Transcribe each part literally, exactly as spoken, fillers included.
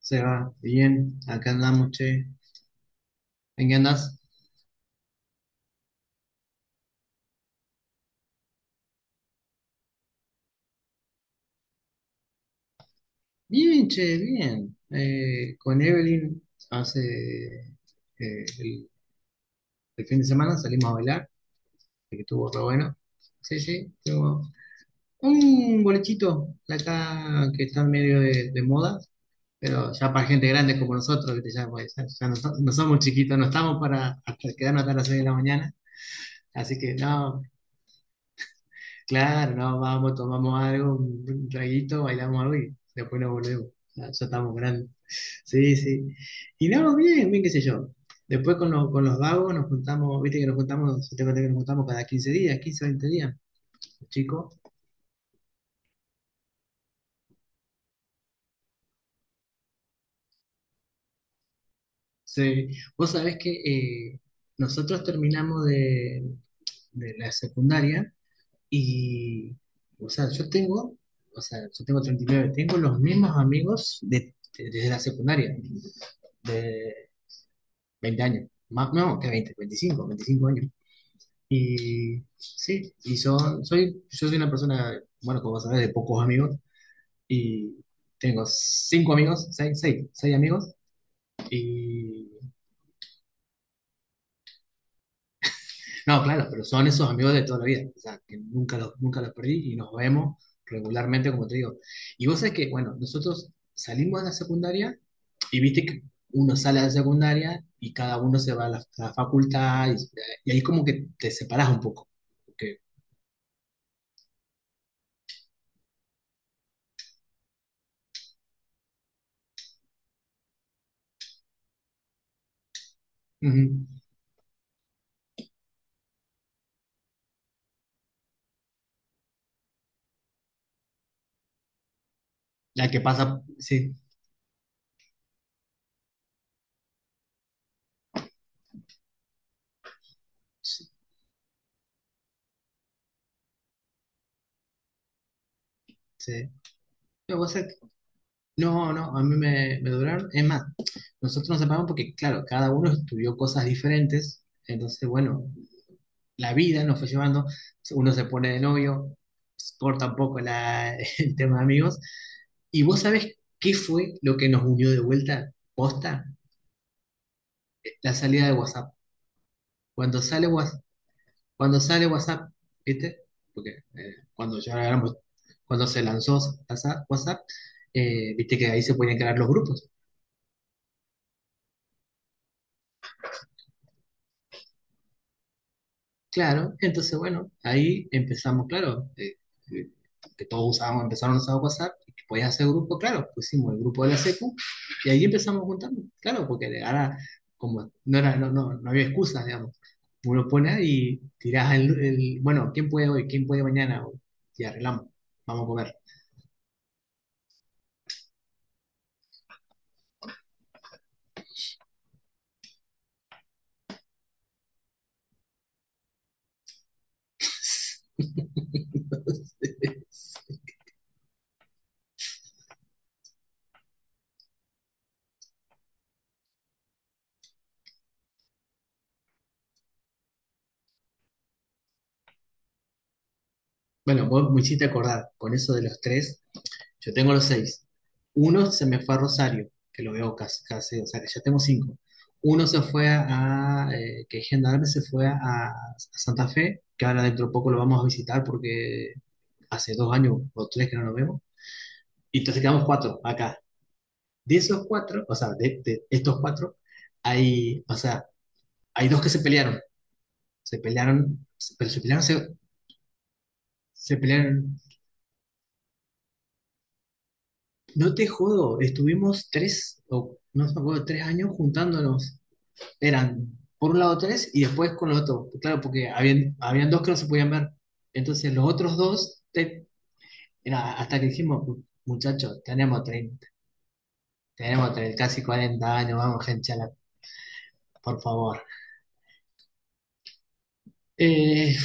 Se va, bien, acá andamos, che. ¿En qué andás? Bien, che, bien. Eh, con Evelyn hace eh, el, el fin de semana salimos a bailar, estuvo re bueno. Sí, sí, estuvo un bolechito de acá que está en medio de, de moda, pero ya para gente grande como nosotros, ¿viste? Ya, pues, ya- ya no, so- no somos chiquitos, no estamos para hasta quedarnos hasta las seis de la mañana. Así que no. Claro, no, vamos, tomamos algo, un un traguito, bailamos algo y después nos volvemos. Ya, ya estamos grandes. Sí, sí. Y no, bien, bien, qué sé yo. Después con los, con los vagos nos juntamos, viste que nos juntamos, yo te conté que nos juntamos cada quince días, quince veinte días, chicos. Sí. Vos sabés que eh, nosotros terminamos de, de la secundaria y, o sea, yo tengo, o sea, yo tengo treinta y nueve, tengo los mismos amigos de, de- desde la secundaria de veinte años, más, no, que veinte, veinticinco veinticinco años. Y sí, y son, soy, yo soy una persona, bueno, como sabes, de pocos amigos, y tengo cinco amigos, seis, seis, seis amigos, y no, claro, pero son esos amigos de toda la vida, o sea, que nunca los, nunca los perdí y nos vemos regularmente, como te digo. Y vos sabés que, bueno, nosotros salimos de la secundaria y viste que uno sale de la secundaria y cada uno se va a la, a la facultad y, y ahí como que te separás un poco porque. Ujú. La que pasa, sí, sí, sí. Lo que pasa es que- no, no, a mí me, me duraron. Es más, nosotros nos separamos porque, claro, cada uno estudió cosas diferentes. Entonces, bueno, la vida nos fue llevando. Uno se pone de novio, corta un poco la, el tema de amigos. ¿Y vos sabés qué fue lo que nos unió de vuelta? Posta, la salida de WhatsApp. Cuando sale, Cuando sale WhatsApp, ¿viste? Porque eh, cuando ya éramos- cuando se lanzó WhatsApp, WhatsApp, eh, viste que ahí se podían crear los grupos. Claro, entonces bueno, ahí empezamos, claro, eh, eh, que todos usábamos, empezaron a usar WhatsApp, y que podías hacer grupo, claro, pusimos el grupo de la secu y ahí empezamos juntando, claro, porque ahora como no era, no, no, no había excusas, digamos. Uno pone ahí y tirás el, el, bueno, ¿quién puede hoy? ¿Quién puede mañana? Y arreglamos, vamos a comer. Bueno, vos me hiciste acordar, con eso de los tres, yo tengo los seis. Uno se me fue a Rosario, que lo veo casi, casi, o sea que ya tengo cinco. Uno se fue a, a, eh, que es Gendarme, se fue a, a Santa Fe, que ahora dentro de poco lo vamos a visitar porque hace dos años o tres que no nos vemos. Y entonces quedamos cuatro acá. De esos cuatro, o sea, de, de estos cuatro, hay, o sea, hay dos que se pelearon. Se pelearon, pero se pelearon, se, se pelearon. No te jodo, estuvimos tres, o no me acuerdo, tres años juntándonos. Eran por un lado tres y después con los otros. Claro, porque habían, habían dos que no se podían ver. Entonces los otros dos, te- era hasta que dijimos, muchachos, tenemos treinta, tenemos treinta, casi cuarenta años, vamos, gente, a la- por favor. Eh,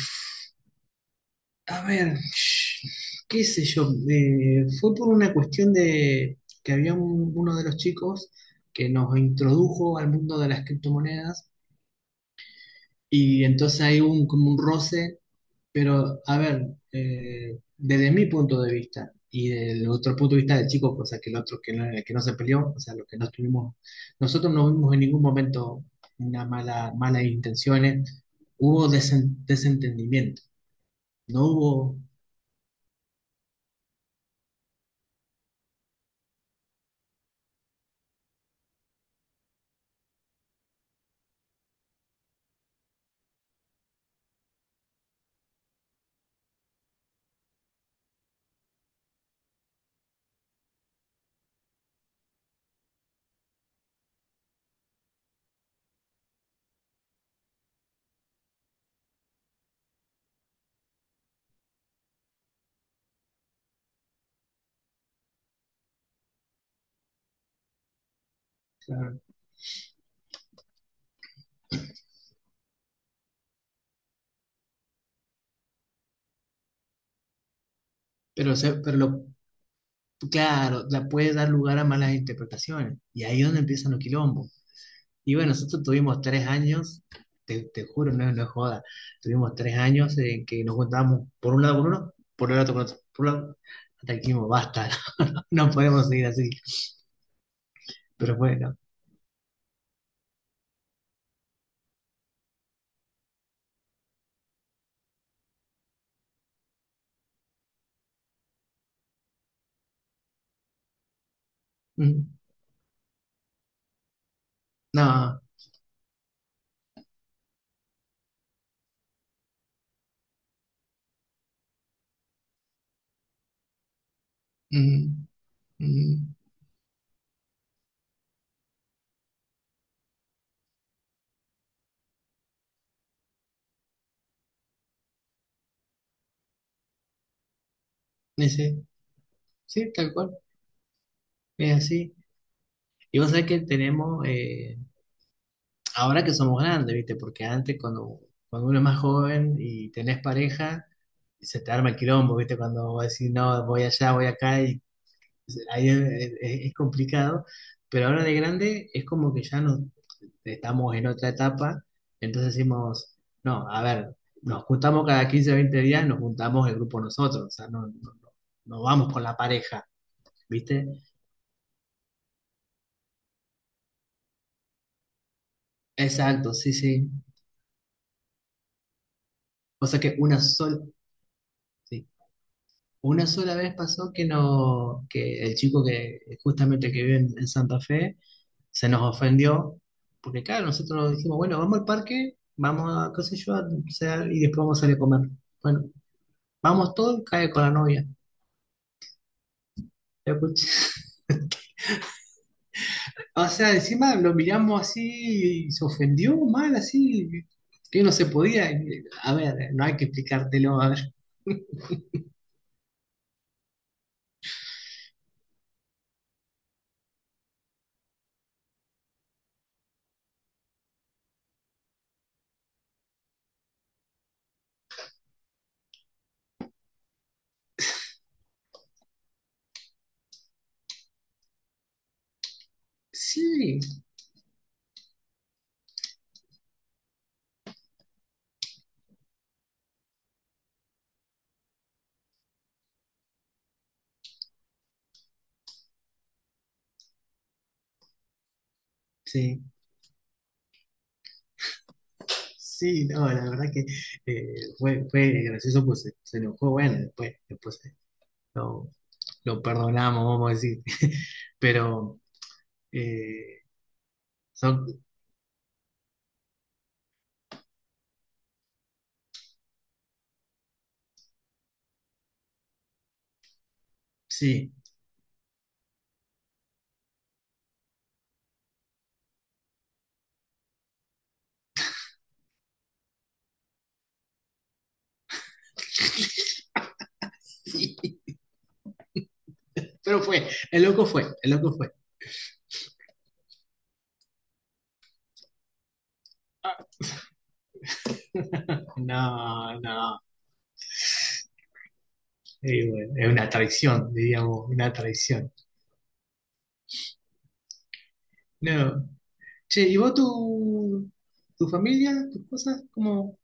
a ver, qué sé yo, eh, fue por una cuestión de que había un- uno de los chicos que nos introdujo al mundo de las criptomonedas. Y entonces hay un, como un roce, pero a ver, eh, desde mi punto de vista y del otro punto de vista del chico, cosa que el otro que no, el que no se peleó, o sea, los que no estuvimos, nosotros no vimos en ningún momento una mala, malas intenciones, hubo desen- desentendimiento, no hubo, claro, pero, se- pero lo, claro, la puede dar lugar a malas interpretaciones y ahí es donde empiezan los quilombos. Y bueno, nosotros tuvimos tres años, te, te juro, no, no es joda, tuvimos tres años en que nos juntábamos por un lado con uno, por el otro con otro, por un lado, hasta que dijimos, basta. No podemos seguir así. Pero bueno, mm, no, mm, mm, ese, sí, tal cual, es así. Y vos sabés que tenemos, eh, ahora que somos grandes, ¿viste? Porque antes cuando, cuando uno es más joven y tenés pareja, se te arma el quilombo, ¿viste? Cuando vos decís, no, voy allá, voy acá, y ahí es, es- es complicado, pero ahora de grande es como que ya no estamos en otra etapa, entonces decimos, no, a ver, nos juntamos cada quince o veinte días, nos juntamos el grupo nosotros, o sea, no, no, no- no vamos con la pareja, ¿viste? Exacto, sí, sí. O sea que una sola, sí, una sola vez pasó que no, que el chico que justamente que vive en en Santa Fe, se nos ofendió, porque claro, nosotros dijimos, bueno, vamos al parque, vamos a, qué sé yo, a pasear y después vamos a salir a comer. Bueno, vamos todos, cae con la novia. La cuch- O sea, encima lo miramos así y se ofendió mal, así, que no se podía. A ver, no hay que explicártelo, a ver. Sí, sí, sí, no, la verdad que eh, fue, fue gracioso, pues se, se enojó, bueno, después, después eh, lo, lo perdonamos, vamos a decir, pero. Eh, Son, sí, sí. Pero fue, el loco fue, el loco fue. No, no. Y bueno, es una traición, diríamos, una traición. No. Che, ¿y vos tu, tu familia, tus cosas? Como.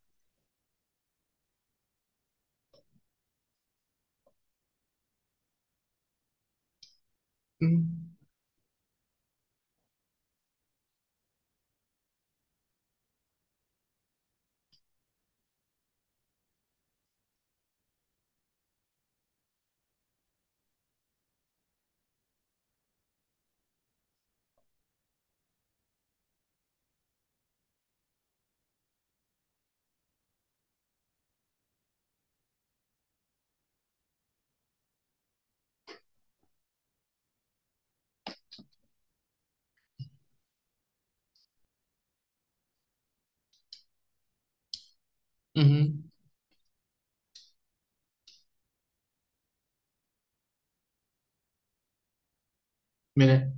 Mira,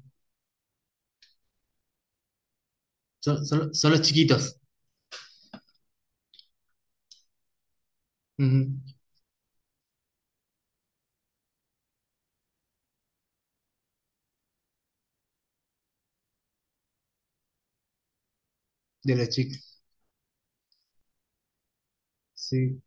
son, son- son los chiquitos. Ujú. De los chicos. Sí.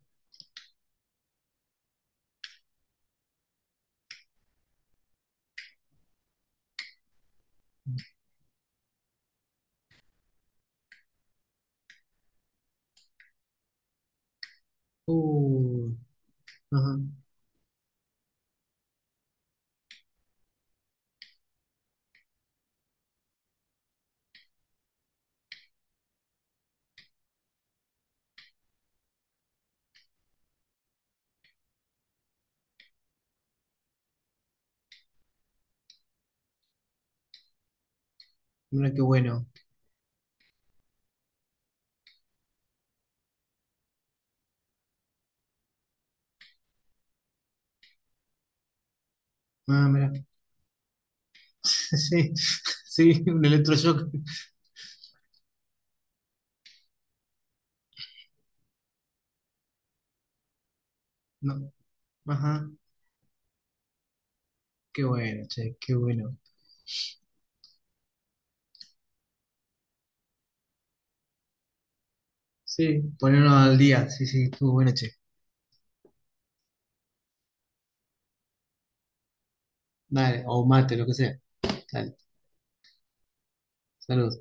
Uh, ajá. Mira qué bueno. Ah, mira. Sí, sí, un electroshock. No. Ajá, qué bueno, che, qué bueno. Sí, ponernos al día, sí, sí, estuvo bueno, che. Dale, o mate, lo que sea. Dale, saludos.